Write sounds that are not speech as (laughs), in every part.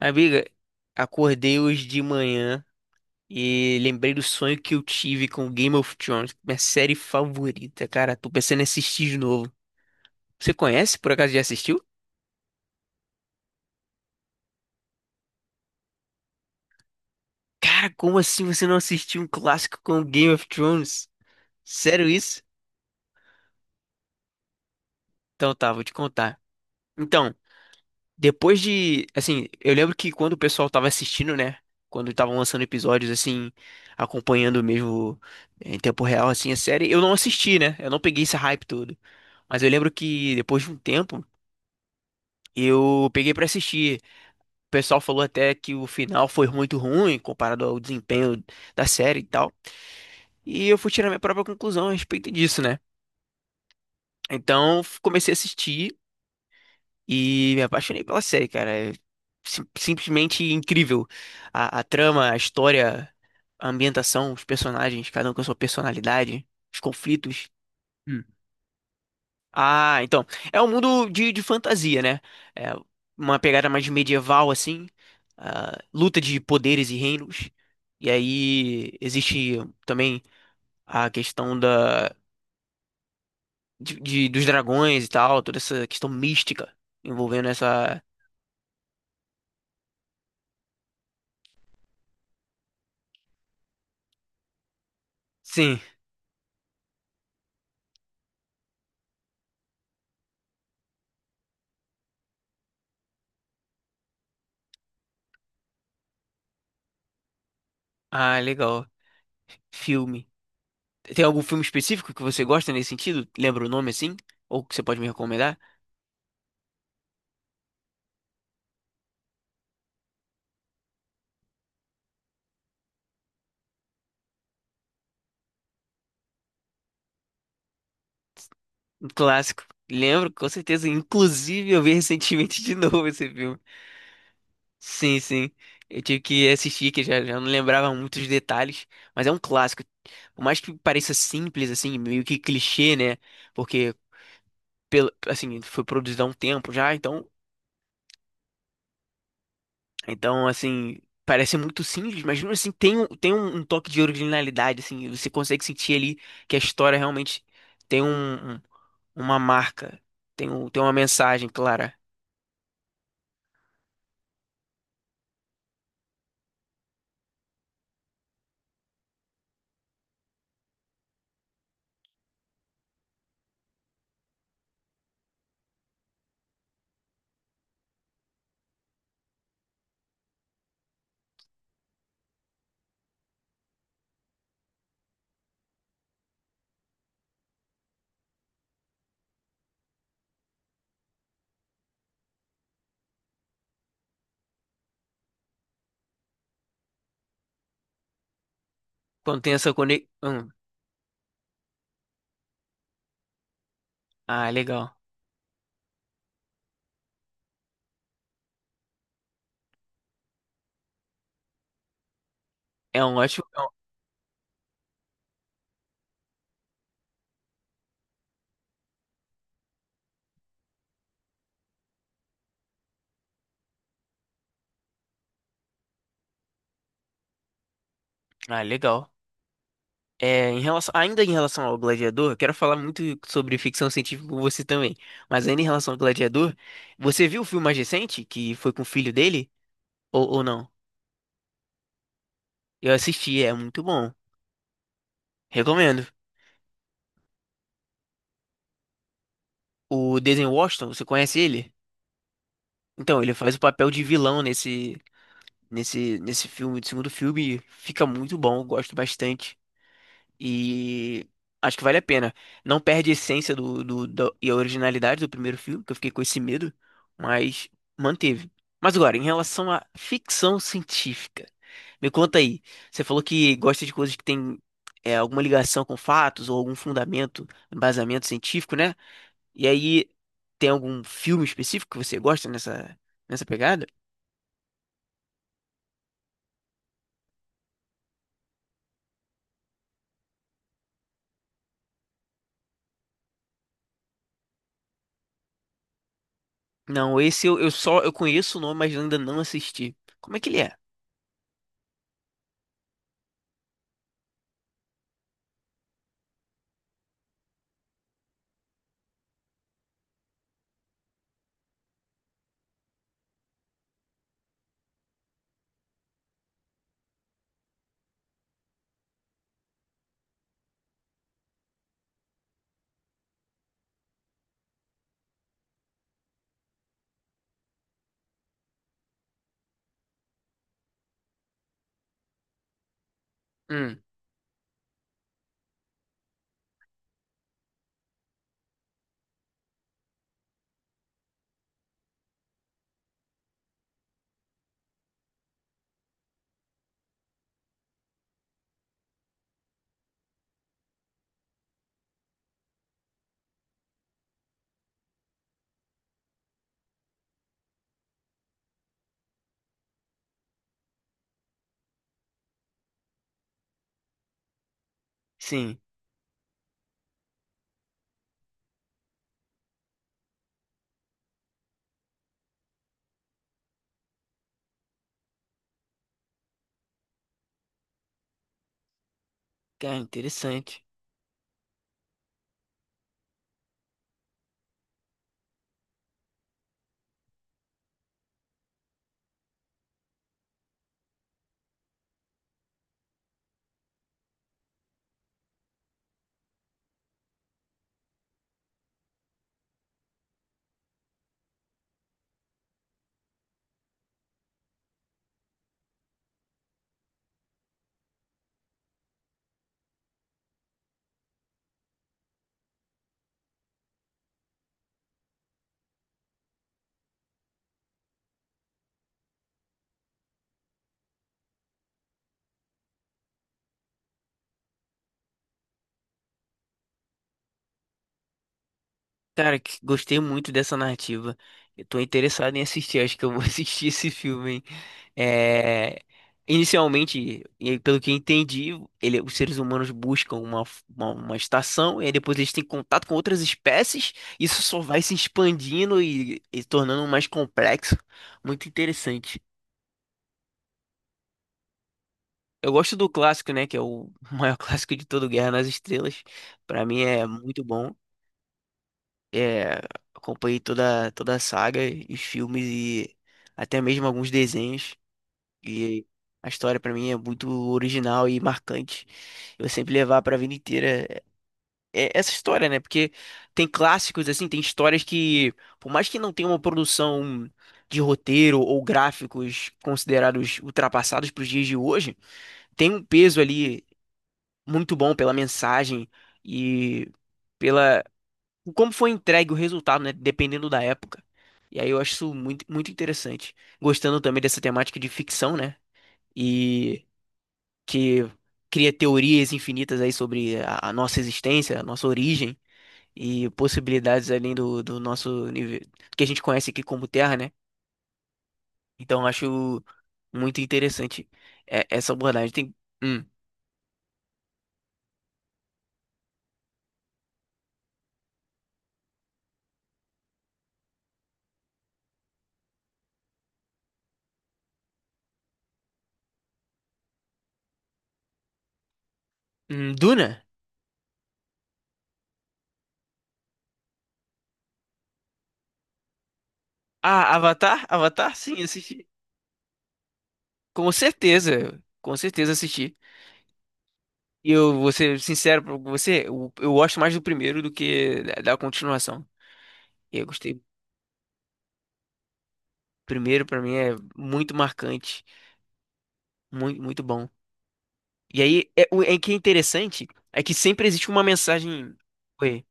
Amiga, acordei hoje de manhã e lembrei do sonho que eu tive com Game of Thrones, minha série favorita, cara. Tô pensando em assistir de novo. Você conhece? Por acaso já assistiu? Cara, como assim você não assistiu um clássico com Game of Thrones? Sério isso? Então tá, vou te contar. Então, depois de, assim, eu lembro que quando o pessoal tava assistindo, né? Quando estavam lançando episódios, assim, acompanhando mesmo em tempo real, assim, a série, eu não assisti, né? Eu não peguei esse hype todo. Mas eu lembro que depois de um tempo, eu peguei pra assistir. O pessoal falou até que o final foi muito ruim comparado ao desempenho da série e tal. E eu fui tirar minha própria conclusão a respeito disso, né? Então, comecei a assistir. E me apaixonei pela série, cara. É simplesmente incrível. A trama, a história, a ambientação, os personagens, cada um com a sua personalidade, os conflitos. Hum. Ah, então. É um mundo de fantasia, né? É uma pegada mais medieval, assim. Ah, luta de poderes e reinos. E aí existe também a questão dos dragões e tal, toda essa questão mística envolvendo essa. Sim. Ah, legal. Filme. Tem algum filme específico que você gosta nesse sentido? Lembra o nome assim? Ou que você pode me recomendar? Um clássico. Lembro, com certeza. Inclusive, eu vi recentemente (laughs) de novo esse filme. Sim, sim. Eu tive que assistir, que já não lembrava muitos detalhes. Mas é um clássico. Por mais que pareça simples, assim, meio que clichê, né? Porque, pelo, assim, foi produzido há um tempo já, então. Então, assim, parece muito simples, mas mesmo assim tem um toque de originalidade, assim, você consegue sentir ali que a história realmente tem uma marca, tem uma mensagem clara. Quando tem essa conexão. Ah, legal. É um ótimo. Ah, legal. É, em relação, ainda em relação ao Gladiador, eu quero falar muito sobre ficção científica com você também. Mas ainda em relação ao Gladiador, você viu o filme mais recente, que foi com o filho dele? Ou não? Eu assisti, é muito bom. Recomendo. O Denzel Washington, você conhece ele? Então, ele faz o papel de vilão nesse nesse filme, do segundo filme, e fica muito bom, eu gosto bastante e acho que vale a pena. Não perde a essência e a originalidade do primeiro filme, que eu fiquei com esse medo, mas manteve. Mas agora, em relação à ficção científica, me conta aí. Você falou que gosta de coisas que têm alguma ligação com fatos ou algum fundamento, embasamento científico, né? E aí, tem algum filme específico que você gosta nessa, nessa pegada? Não, esse eu só eu conheço o nome, mas ainda não assisti. Como é que ele é? Hum, sim. Cara, interessante. Cara, gostei muito dessa narrativa. Eu tô interessado em assistir, acho que eu vou (laughs) assistir esse filme, hein? É, inicialmente, e pelo que eu entendi, ele, os seres humanos buscam uma estação e aí depois eles têm contato com outras espécies. Isso só vai se expandindo e tornando mais complexo. Muito interessante. Eu gosto do clássico, né? Que é o (laughs) maior clássico de todo Guerra nas Estrelas. Pra mim é muito bom. É, acompanhei toda, toda a saga, os filmes e até mesmo alguns desenhos. E a história pra mim é muito original e marcante. Eu vou sempre levar pra vida inteira essa história, né? Porque tem clássicos assim, tem histórias que, por mais que não tenha uma produção de roteiro ou gráficos considerados ultrapassados pros dias de hoje, tem um peso ali muito bom pela mensagem e pela como foi entregue o resultado, né? Dependendo da época. E aí eu acho isso muito, muito interessante. Gostando também dessa temática de ficção, né? E que cria teorias infinitas aí sobre a nossa existência, a nossa origem e possibilidades além do nosso nível, que a gente conhece aqui como Terra, né? Então eu acho muito interessante essa abordagem. Tem hum, Duna? Ah, Avatar? Avatar? Sim, assisti. Com certeza assisti. E eu vou ser sincero pra você, eu gosto mais do primeiro do que da continuação. E eu gostei. O primeiro, pra mim, é muito marcante, muito, muito bom. E aí, é, o é que é interessante é que sempre existe uma mensagem. Oi,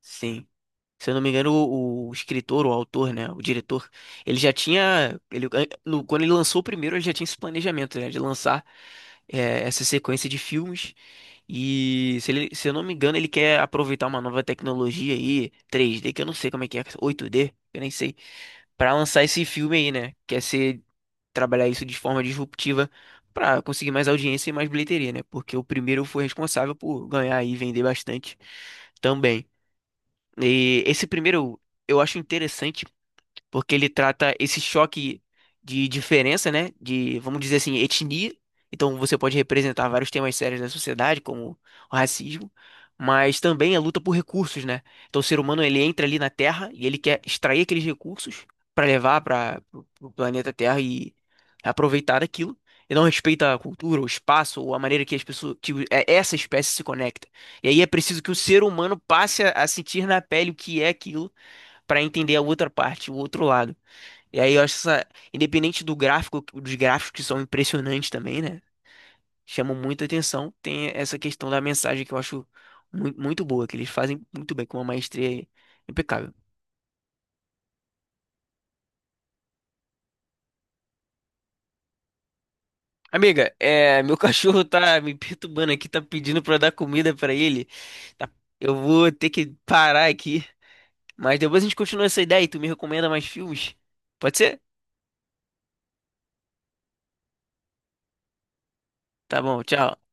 sim. Se eu não me engano, o escritor, o autor, né, o diretor, ele já tinha, ele, quando ele lançou o primeiro, ele já tinha esse planejamento, né, de lançar essa sequência de filmes. E se, ele, se eu não me engano, ele quer aproveitar uma nova tecnologia aí, 3D que eu não sei como é que é, 8D eu nem sei, pra lançar esse filme aí, né? Quer ser trabalhar isso de forma disruptiva para conseguir mais audiência e mais bilheteria, né? Porque o primeiro foi responsável por ganhar e vender bastante também. E esse primeiro eu acho interessante porque ele trata esse choque de diferença, né? De, vamos dizer assim, etnia. Então você pode representar vários temas sérios da sociedade, como o racismo, mas também a luta por recursos, né? Então o ser humano ele entra ali na Terra e ele quer extrair aqueles recursos para levar para o planeta Terra e aproveitar daquilo. E não respeita a cultura, o espaço, ou a maneira que as pessoas, essa espécie se conecta. E aí é preciso que o ser humano passe a sentir na pele o que é aquilo para entender a outra parte, o outro lado. E aí eu acho essa, independente do gráfico, dos gráficos que são impressionantes também, né? Chamam muita atenção. Tem essa questão da mensagem que eu acho muito, muito boa, que eles fazem muito bem, com uma maestria impecável. Amiga, é, meu (laughs) cachorro tá me perturbando aqui, tá pedindo pra eu dar comida pra ele. Tá- eu vou ter que parar aqui, mas depois a gente continua essa ideia e tu me recomenda mais filmes? Pode ser? Tá bom, tchau.